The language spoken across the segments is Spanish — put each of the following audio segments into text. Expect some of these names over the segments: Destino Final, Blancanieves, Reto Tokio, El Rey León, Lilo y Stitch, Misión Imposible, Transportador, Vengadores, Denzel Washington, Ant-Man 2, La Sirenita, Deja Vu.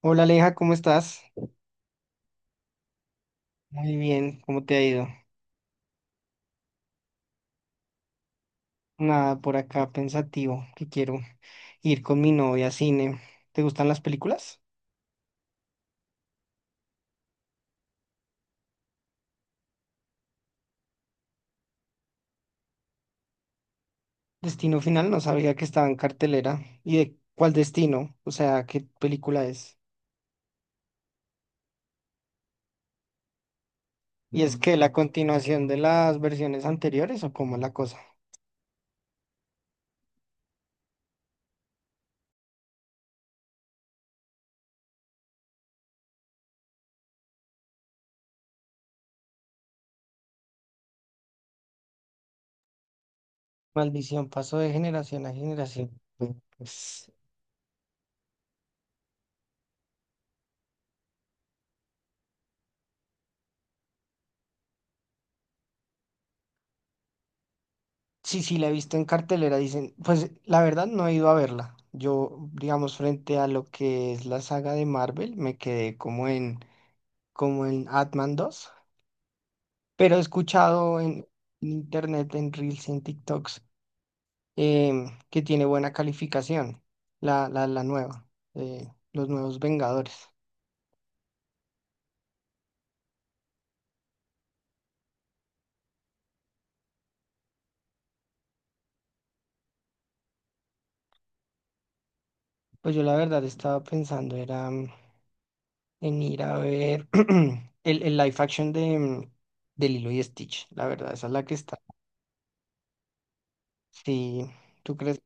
Hola Aleja, ¿cómo estás? Muy bien, ¿cómo te ha ido? Nada, por acá pensativo, que quiero ir con mi novia a cine. ¿Te gustan las películas? Destino Final, no sabía que estaba en cartelera. ¿Y de cuál destino? O sea, ¿qué película es? ¿Y es que la continuación de las versiones anteriores o cómo es la cosa? Maldición pasó de generación a generación. Pues, sí, sí, la he visto en cartelera, dicen, pues la verdad no he ido a verla. Yo, digamos, frente a lo que es la saga de Marvel, me quedé como en, como en Ant-Man 2, pero he escuchado en internet, en Reels, en TikToks, que tiene buena calificación, la nueva, los nuevos Vengadores. Pues yo la verdad estaba pensando era en ir a ver el live action de, de Lilo y Stitch, la verdad, esa es la que está. Sí, tú crees,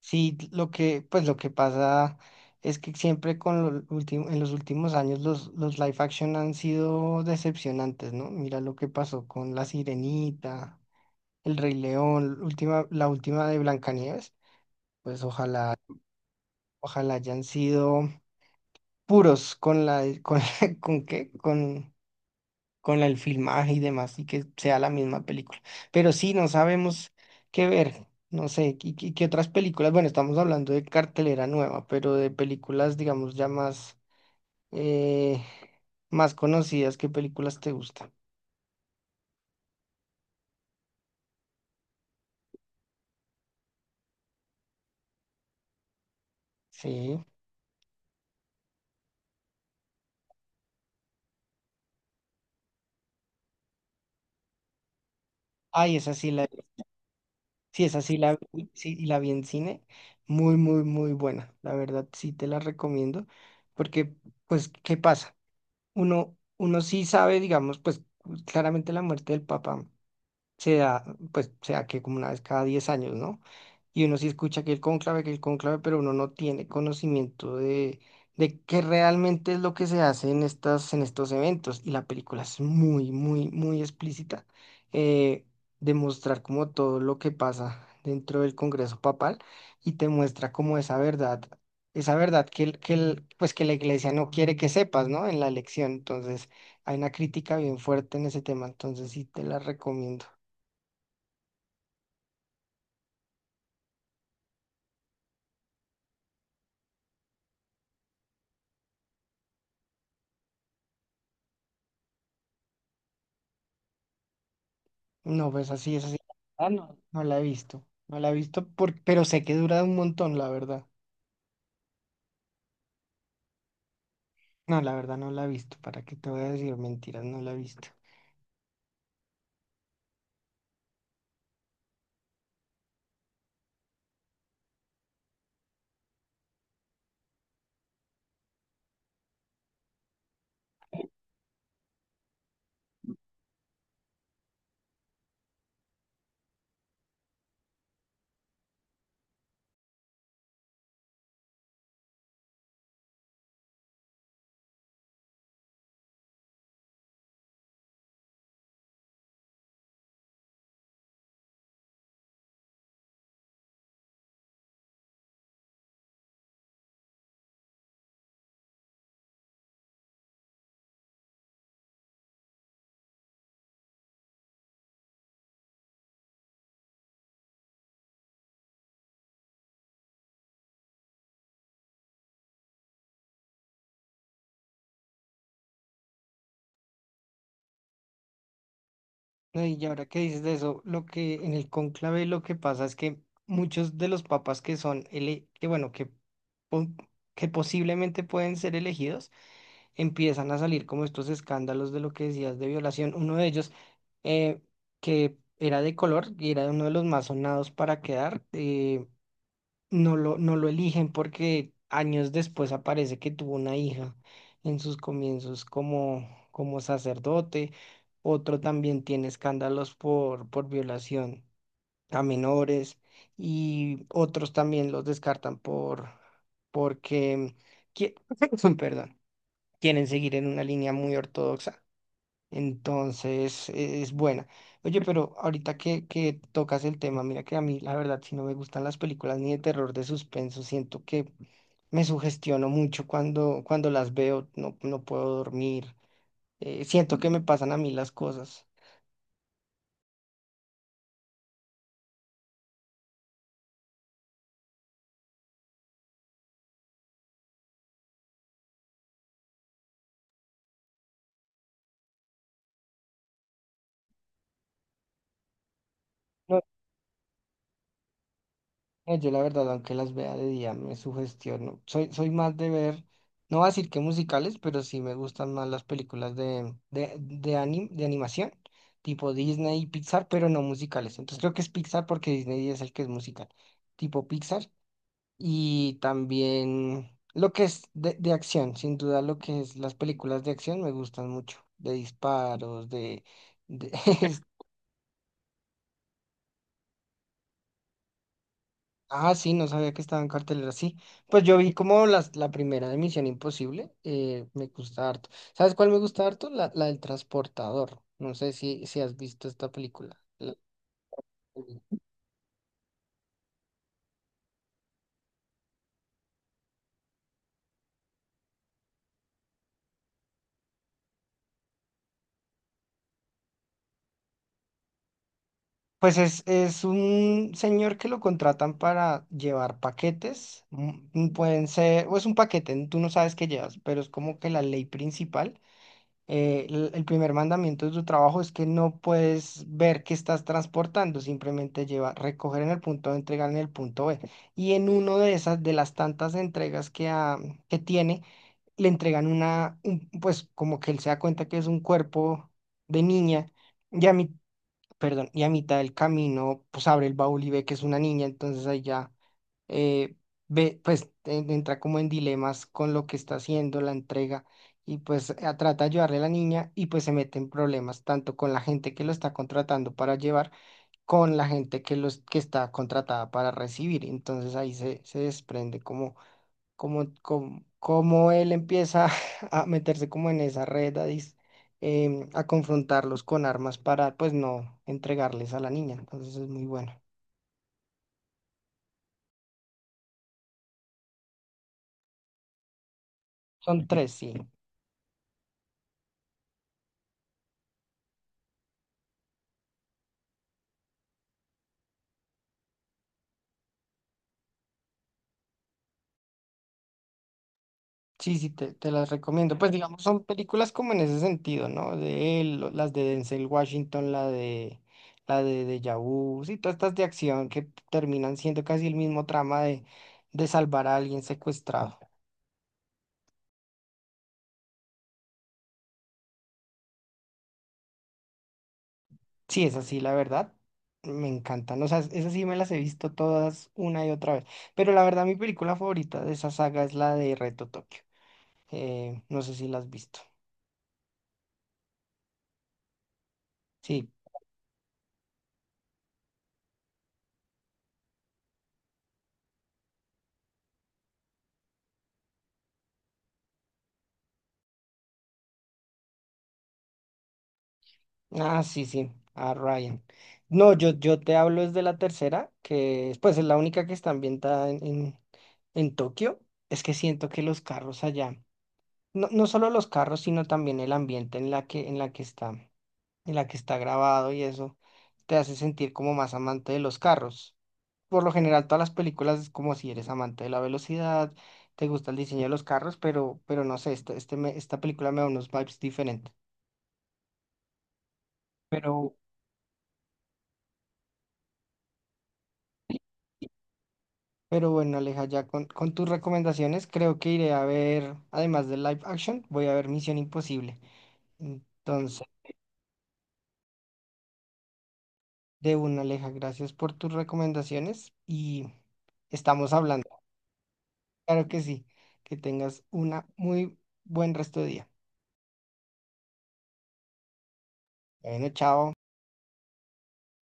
sí, lo que, pues lo que pasa es que siempre con lo ulti- en los últimos años los live action han sido decepcionantes, ¿no? Mira lo que pasó con La Sirenita, El Rey León, última, la última de Blancanieves, pues ojalá, ojalá hayan sido puros con la, con, ¿con qué? Con la- el filmaje y demás, y que sea la misma película. Pero sí, no sabemos qué ver, no sé, qué, qué- qué otras películas, bueno, estamos hablando de cartelera nueva, pero de películas, digamos, ya más, eh, más conocidas, ¿qué películas te gustan? Sí. Ay, esa sí la, sí, esa sí la, vi- sí, y la vi en cine, muy, muy, muy buena, la verdad, sí te la recomiendo, porque, pues, ¿qué pasa? Uno, uno sí sabe, digamos, pues, claramente la muerte del papá. Se da, pues se da que como una vez cada 10 años, ¿no? Y uno sí escucha que el cónclave, pero uno no tiene conocimiento de qué realmente es lo que se hace en estas, en estos eventos. Y la película es muy, muy, muy explícita, eh, de mostrar como todo lo que pasa dentro del Congreso Papal y te muestra como esa verdad. Esa verdad que, el- pues que la iglesia no quiere que sepas, ¿no? En la elección. Entonces, hay una crítica bien fuerte en ese tema, entonces sí te la recomiendo. No, pues así es así. Ah, no la he visto. No la he visto, por- pero sé que dura un montón, la verdad. No, la verdad no la he visto. ¿Para qué te voy a decir mentiras? No la he visto. No, y ahora que dices de eso, lo que en el cónclave lo que pasa es que muchos de los papas que son, ele- que bueno, que, po- que posiblemente pueden ser elegidos, empiezan a salir como estos escándalos de lo que decías de violación. Uno de ellos, eh, que era de color y era uno de los más sonados para quedar. No lo eligen porque años después aparece que tuvo una hija en sus comienzos como, como sacerdote. Otro también tiene escándalos por violación a menores y otros también los descartan por, porque, qui- perdón, quieren seguir en una línea muy ortodoxa. Entonces, e- es buena. Oye, pero ahorita que tocas el tema, mira que a mí, la verdad, si no me gustan las películas ni de terror, de suspenso, siento que me sugestiono mucho cuando, cuando las veo, no, no puedo dormir, siento que me pasan a mí las cosas. No, yo la verdad, aunque las vea de día, me sugestiono. Soy, soy más de ver, no voy a decir que musicales, pero sí me gustan más las películas de, anim- de animación, tipo Disney y Pixar, pero no musicales. Entonces creo que es Pixar porque Disney es el que es musical, tipo Pixar. Y también lo que es de acción, sin duda lo que es las películas de acción me gustan mucho, de disparos, de Ah, sí, no sabía que estaba en cartelera, sí. Pues yo vi como las, la primera de Misión Imposible, me gusta harto. ¿Sabes cuál me gusta harto? La del transportador. No sé si, si has visto esta película. La- Pues es un señor que lo contratan para llevar paquetes. Pueden ser, o es un paquete, tú no sabes qué llevas, pero es como que la ley principal el primer mandamiento de tu trabajo es que no puedes ver qué estás transportando, simplemente lleva recoger en el punto A, entregar en el punto B. Y en uno de esas, de las tantas entregas que, ha- que tiene, le entregan una, un- pues como que él se da cuenta que es un cuerpo de niña. Y a mí perdón, y a mitad del camino, pues abre el baúl y ve que es una niña, entonces ahí ya eh, ve, pues en- entra como en dilemas con lo que está haciendo, la entrega, y pues a- trata de ayudarle a la niña y pues se mete en problemas, tanto con la gente que lo está contratando para llevar, con la gente que, los, que está contratada para recibir, entonces ahí se, se desprende como, como, como él empieza a meterse como en esa red, a, dis- a confrontarlos con armas para, pues, no entregarles a la niña. Entonces es muy bueno. Son tres, sí. Sí, sí, te las recomiendo. Pues, digamos, son películas como en ese sentido, ¿no? De él, lo- las de Denzel Washington, la de Deja Vu, sí, todas estas de acción que terminan siendo casi el mismo trama de salvar a alguien secuestrado. Sí, es así, la verdad. Me encantan. O sea, esas sí me las he visto todas una y otra vez. Pero la verdad, mi película favorita de esa saga es la de Reto Tokio. No sé si la has visto. Sí. Ah, sí, sí. A Ryan. No, yo te hablo es de la tercera, que es, pues es la única que está ambientada en Tokio. Es que siento que los carros allá, no, no solo los carros, sino también el ambiente en la que está, en la que está grabado y eso, te hace sentir como más amante de los carros. Por lo general todas las películas es como si eres amante de la velocidad, te gusta el diseño de los carros, pero no sé, este me- esta película me da unos vibes diferentes. Pero, pero bueno, Aleja, ya con tus recomendaciones creo que iré a ver, además de live action, voy a ver Misión Imposible. Entonces, de una, Aleja, gracias por tus recomendaciones y estamos hablando. Claro que sí, que tengas una muy buen resto de día. Bueno, chao.